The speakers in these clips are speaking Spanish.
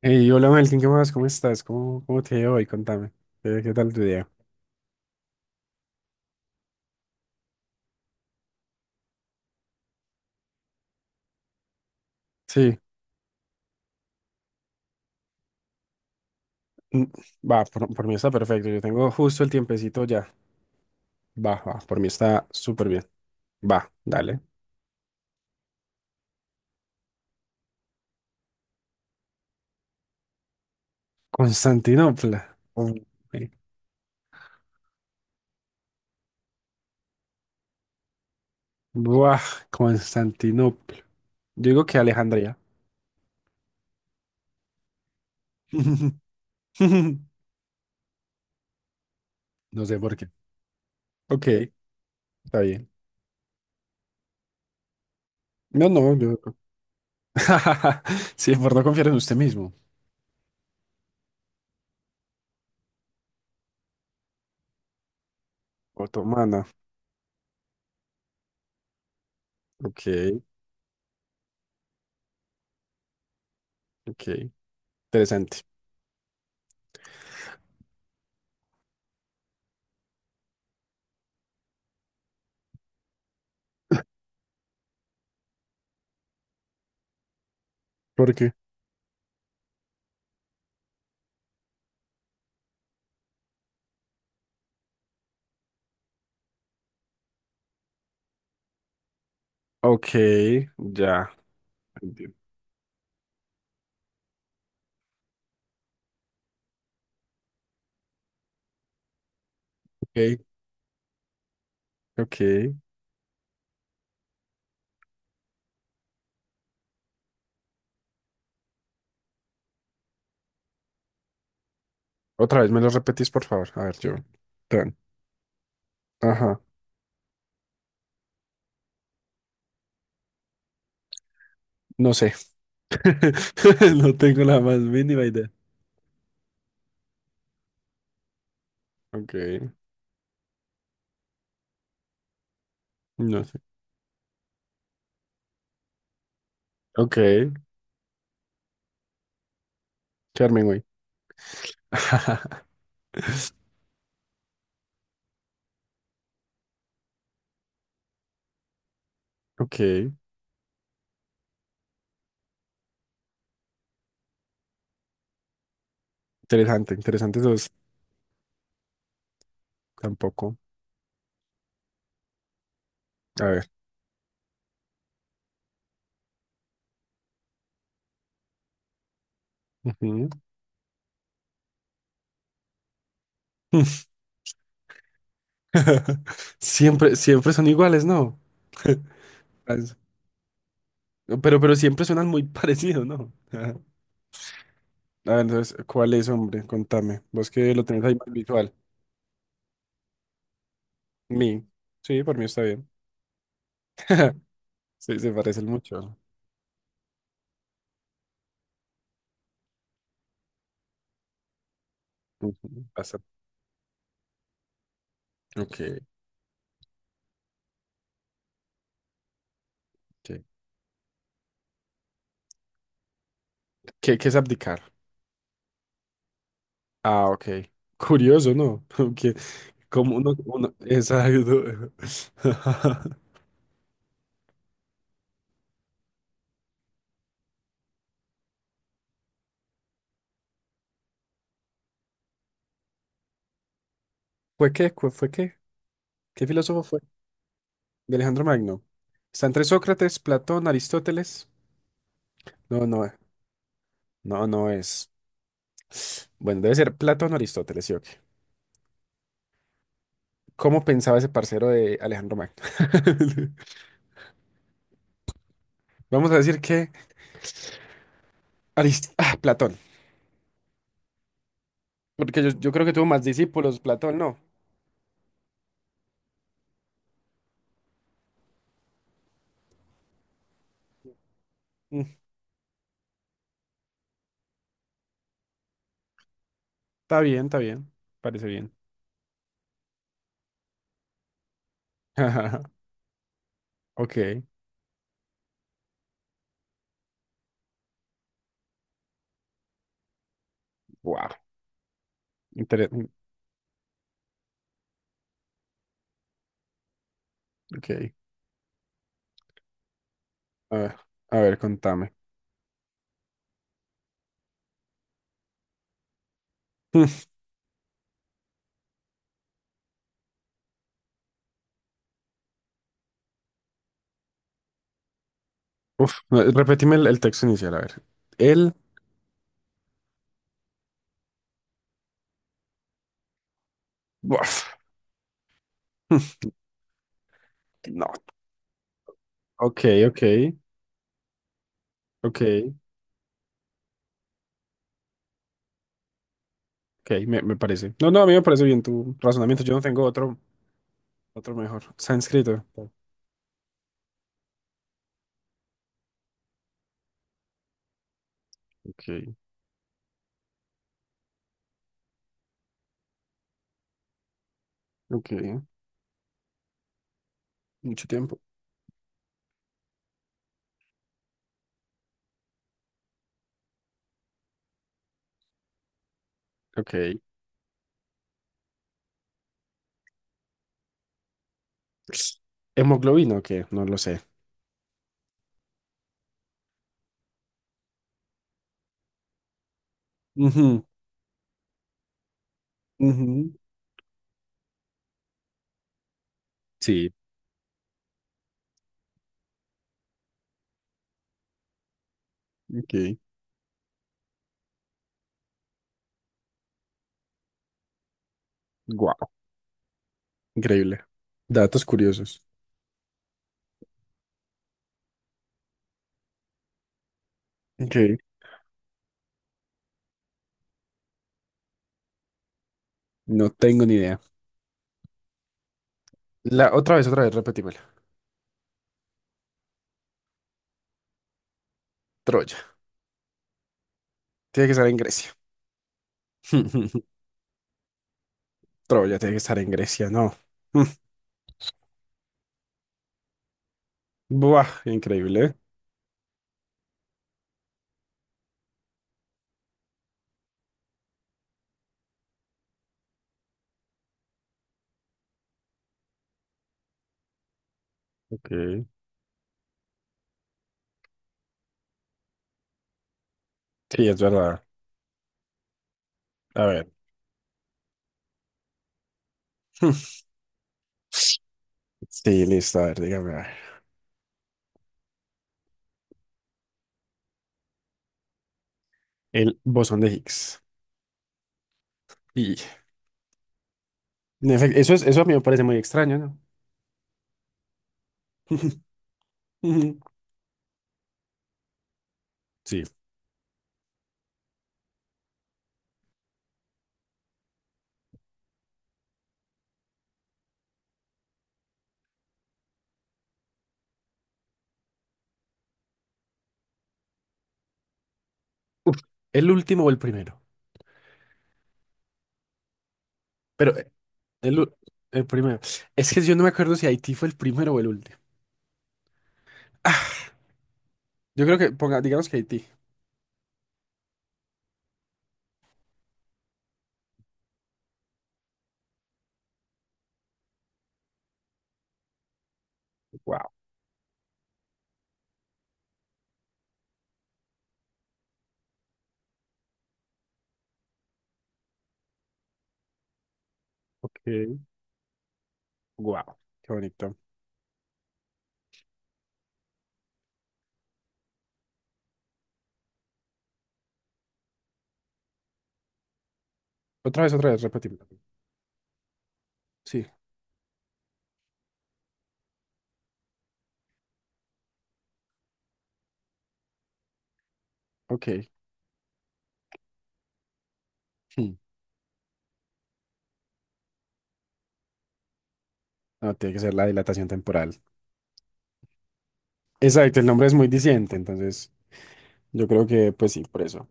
Hey, hola Melkin, ¿qué más? ¿Cómo estás? ¿Cómo te ha ido hoy? Contame. ¿Qué tal tu día? Sí, mm, va, por mí está perfecto. Yo tengo justo el tiempecito ya. Va, va, por mí está súper bien. Va, dale. Constantinopla. Uy, Buah, Constantinopla. Yo digo que Alejandría. No sé por qué. Ok, está bien. No, no, yo. Sí, por no confiar en usted mismo. Otomana. Ok, ok. Interesante. ¿Por qué? Ok, ya, entiendo. Ok, ok. Otra vez me lo repetís, por favor. A ver, yo. Tan. Ajá. No sé. No tengo la más mínima idea. Ok, no sé. Ok, Charming, güey. Ok, interesante, interesantes dos. Tampoco. A ver. Ujú. Siempre, siempre son iguales, ¿no? As- pero siempre suenan muy parecidos, ¿no? Ajá. A ver, entonces, ¿cuál es, hombre? Contame. Vos que lo tenés ahí más visual. Mi. Sí, por mí está bien. Sí, se parecen mucho. Ujú, bastante. Ok, ok. ¿Qué es abdicar? Ah, ok. Curioso, ¿no? Porque como uno. Exacto. ¿Fue qué? ¿Fue qué? ¿Qué filósofo fue? De Alejandro Magno. Está entre Sócrates, Platón, Aristóteles. No, no, no, no es. Bueno, debe ser Platón o Aristóteles, sí o qué. ¿Cómo pensaba ese parcero de Alejandro Magno? Vamos a decir que ah, Platón. Porque yo creo que tuvo más discípulos, Platón, no. Mm, está bien, está bien. Parece bien. Ok. Wow. Interesante. Ok. A ver, a ver, contame. Mm, uf, no, repetime el texto inicial, a ver. El. Uf. Mm, no. Ok, ok, ok, ok, me parece. No, no, a mí me parece bien tu razonamiento. Yo no tengo otro mejor. Sánscrito. Ok, ok. Mucho tiempo. Ok. ¿Hemoglobina o qué? No lo sé. Ujú, ujú. Sí. Ok. Wow, increíble. Datos curiosos. Ok. No tengo ni idea. La otra vez, repetímela. Troya. Tiene que estar en Grecia. Troya tiene que estar en Grecia, no. Mm. Buah, increíble. ¿Eh? Ok. Sí, es verdad. A ver. Mm. Sí, listo, a ver, dígame, a ver. El bosón de Higgs. Y en efecto, eso es, eso a mí me parece muy extraño, ¿no? Ujú. Sí. Uf, ¿el último o el primero? Pero el, u- el primero. Es que yo no me acuerdo si Haití fue el primero o el último. Yo creo que, ponga, digamos que Haití. Wow, ok, wow, qué bonito. Otra vez, repetimos. Sí, ok. Hmm, no, tiene que ser la dilatación temporal. Exacto, el nombre es muy diciente, entonces yo creo que, pues sí, por eso.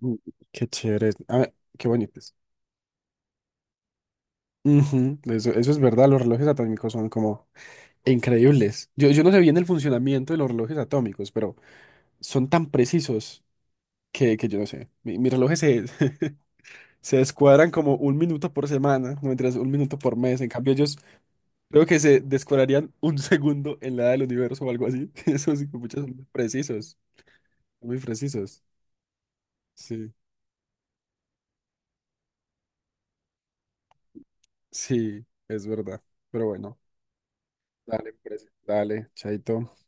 Mm. Qué chévere. A ver, qué bonitos. Ujú, eso es verdad, los relojes atómicos son como increíbles. Yo no sé bien el funcionamiento de los relojes atómicos, pero son tan precisos que yo no sé. Mis relojes se descuadran como un minuto por semana, no mentiras, un minuto por mes. En cambio, ellos. Creo que se descuadrarían un segundo en la edad del universo o algo así. Eso sí que muchos son muy precisos, muy precisos. Sí, sí, es verdad. Pero bueno, dale, pues, dale, chaito.